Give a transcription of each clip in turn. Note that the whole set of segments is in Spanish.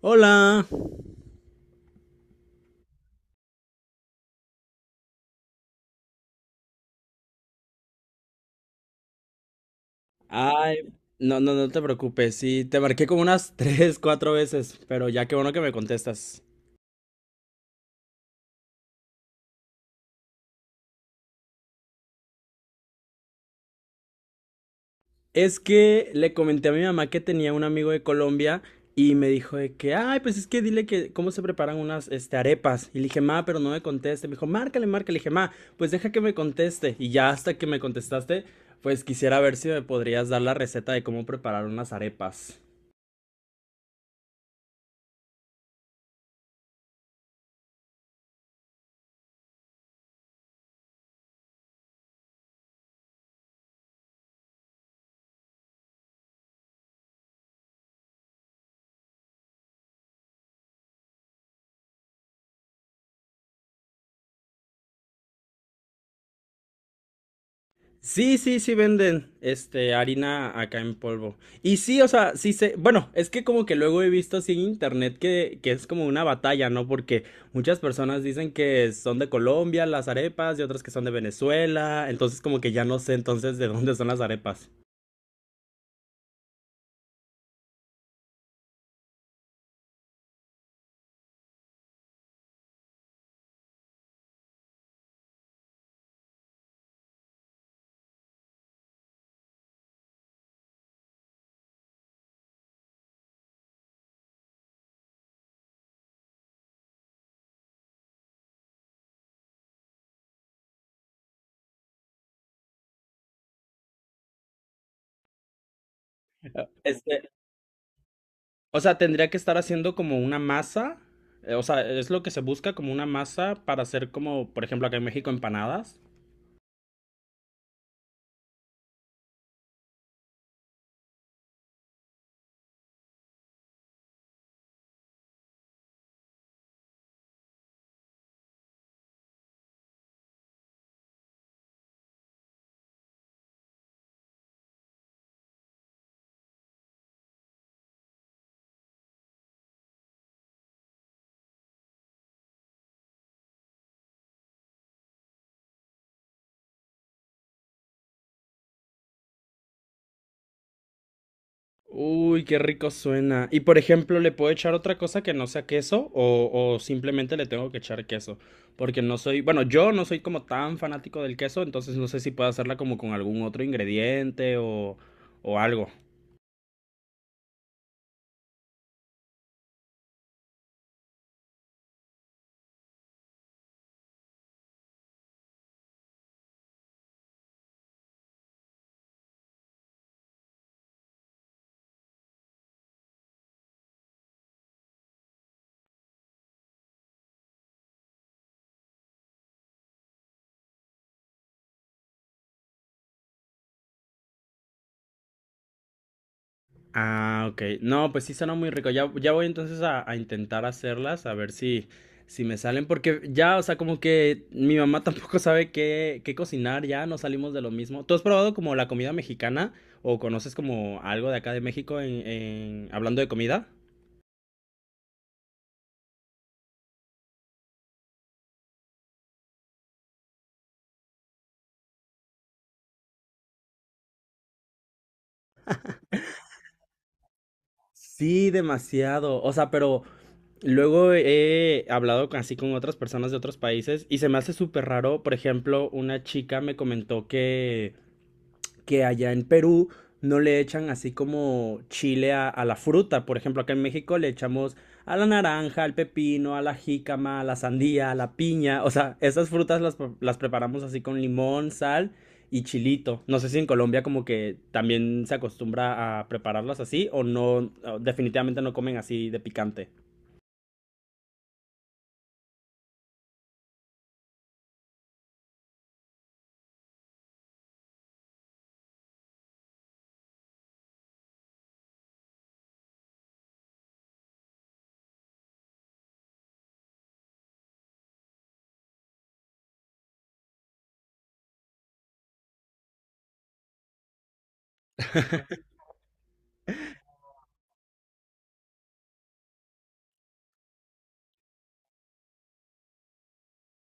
Hola. Ay, no, no, no te preocupes. Sí, te marqué como unas tres, cuatro veces, pero ya qué bueno que me contestas. Es que le comenté a mi mamá que tenía un amigo de Colombia y me dijo de que, ay, pues es que dile que cómo se preparan unas arepas. Y le dije, ma, pero no me conteste. Me dijo, márcale, márcale. Le dije, ma, pues deja que me conteste. Y ya hasta que me contestaste, pues quisiera ver si me podrías dar la receta de cómo preparar unas arepas. Sí, sí, sí venden este harina acá en polvo. Y sí, o sea, bueno, es que como que luego he visto así en internet que es como una batalla, ¿no? Porque muchas personas dicen que son de Colombia las arepas y otras que son de Venezuela, entonces como que ya no sé entonces de dónde son las arepas. Este, o sea, tendría que estar haciendo como una masa, o sea, es lo que se busca como una masa para hacer como, por ejemplo, acá en México empanadas. Uy, qué rico suena. Y por ejemplo, ¿le puedo echar otra cosa que no sea queso o simplemente le tengo que echar queso? Porque no soy, bueno, yo no soy como tan fanático del queso, entonces no sé si puedo hacerla como con algún otro ingrediente o algo. Ah, ok. No, pues sí suena muy rico. Ya, ya voy entonces a intentar hacerlas, a ver si me salen, porque ya, o sea, como que mi mamá tampoco sabe qué cocinar, ya no salimos de lo mismo. ¿Tú has probado como la comida mexicana o conoces como algo de acá de México hablando de comida? Sí, demasiado. O sea, pero luego he hablado así con otras personas de otros países y se me hace súper raro. Por ejemplo, una chica me comentó que allá en Perú no le echan así como chile a la fruta. Por ejemplo, acá en México le echamos a la naranja, al pepino, a la jícama, a la sandía, a la piña. O sea, esas frutas las preparamos así con limón, sal y chilito. No sé si en Colombia como que también se acostumbra a prepararlas así o no, definitivamente no comen así de picante.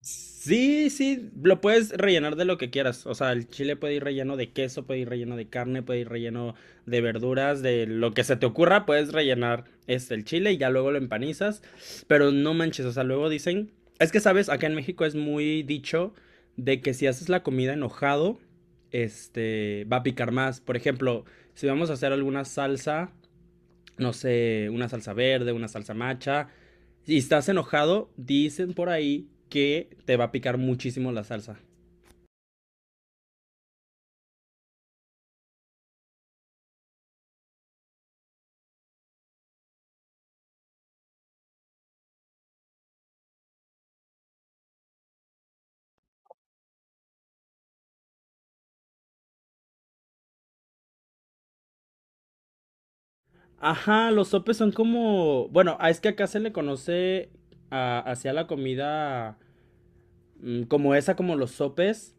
Sí, sí, lo puedes rellenar de lo que quieras. O sea, el chile puede ir relleno de queso, puede ir relleno de carne, puede ir relleno de verduras, de lo que se te ocurra, puedes rellenar este el chile y ya luego lo empanizas. Pero no manches, o sea, luego dicen, es que sabes, acá en México es muy dicho de que si haces la comida enojado, este va a picar más. Por ejemplo, si vamos a hacer alguna salsa no sé, una salsa verde, una salsa macha, y estás enojado, dicen por ahí que te va a picar muchísimo la salsa. Ajá, los sopes son como, bueno, ah, es que acá se le conoce hacia la comida como esa, como los sopes,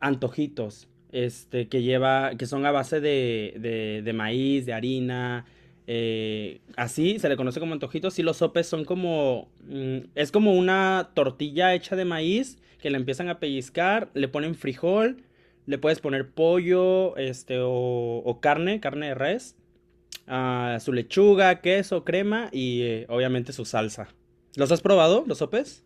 antojitos, este, que lleva, que son a base de maíz, de harina, así se le conoce como antojitos. Y los sopes son como, es como una tortilla hecha de maíz que la empiezan a pellizcar, le ponen frijol, le puedes poner pollo, o carne, carne de res, ah, su lechuga, queso, crema y obviamente su salsa. ¿Los has probado, los sopes?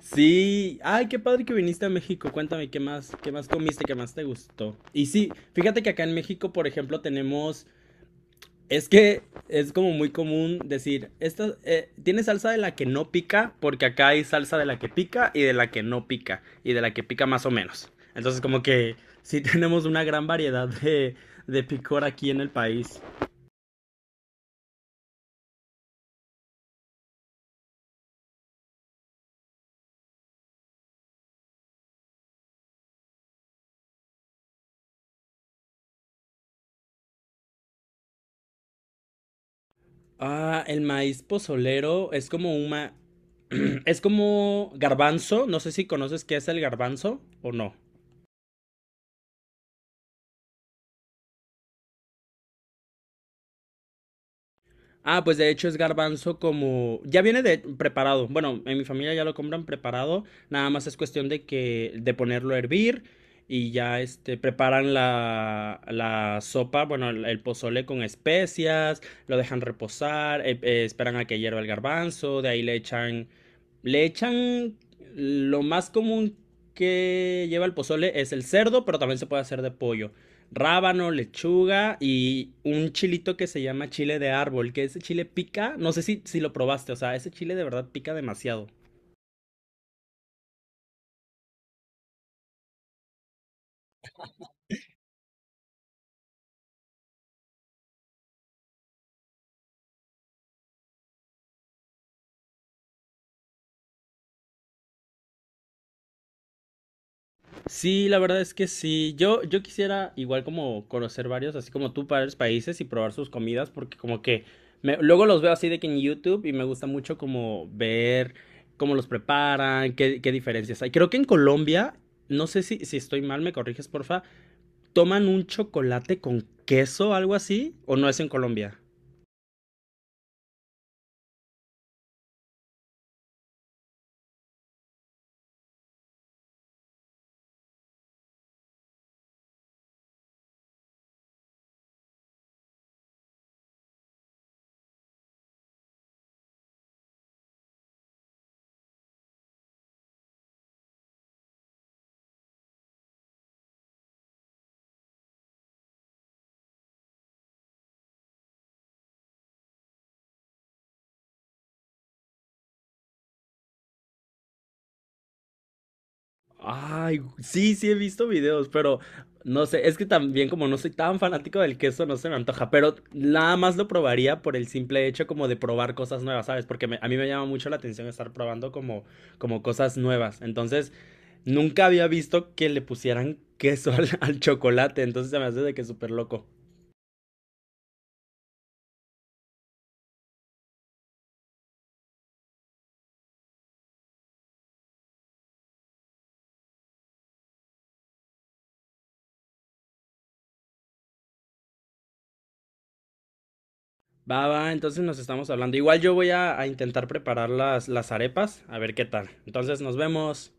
Sí, ay, qué padre que viniste a México. Cuéntame qué más comiste, qué más te gustó. Y sí, fíjate que acá en México, por ejemplo, tenemos, es que es como muy común decir, esta, tiene salsa de la que no pica, porque acá hay salsa de la que pica y de la que no pica, y de la que pica más o menos. Entonces, como que sí tenemos una gran variedad de picor aquí en el país. Ah, el maíz pozolero es como una... Es como garbanzo. No sé si conoces qué es el garbanzo o no. Ah, pues de hecho es garbanzo como... Ya viene de preparado. Bueno, en mi familia ya lo compran preparado. Nada más es cuestión de que... de ponerlo a hervir y ya este preparan la sopa, bueno, el pozole con especias, lo dejan reposar, esperan a que hierva el garbanzo, de ahí le echan... Le echan lo más común que lleva el pozole es el cerdo, pero también se puede hacer de pollo rábano, lechuga y un chilito que se llama chile de árbol, que ese chile pica, no sé si lo probaste, o sea, ese chile de verdad pica demasiado. Sí, la verdad es que sí, yo quisiera igual como conocer varios, así como tú, varios países y probar sus comidas, porque como que luego los veo así de que en YouTube y me gusta mucho como ver cómo los preparan, qué, qué diferencias hay. Creo que en Colombia, no sé si estoy mal, me corriges, porfa, toman un chocolate con queso, algo así, o no es en Colombia. Ay, sí, sí he visto videos, pero no sé, es que también como no soy tan fanático del queso, no se me antoja, pero nada más lo probaría por el simple hecho como de probar cosas nuevas, ¿sabes? Porque a mí me llama mucho la atención estar probando como, como cosas nuevas. Entonces, nunca había visto que le pusieran queso al chocolate, entonces se me hace de que súper loco. Va, va, entonces nos estamos hablando. Igual yo voy a intentar preparar las arepas, a ver qué tal. Entonces, nos vemos.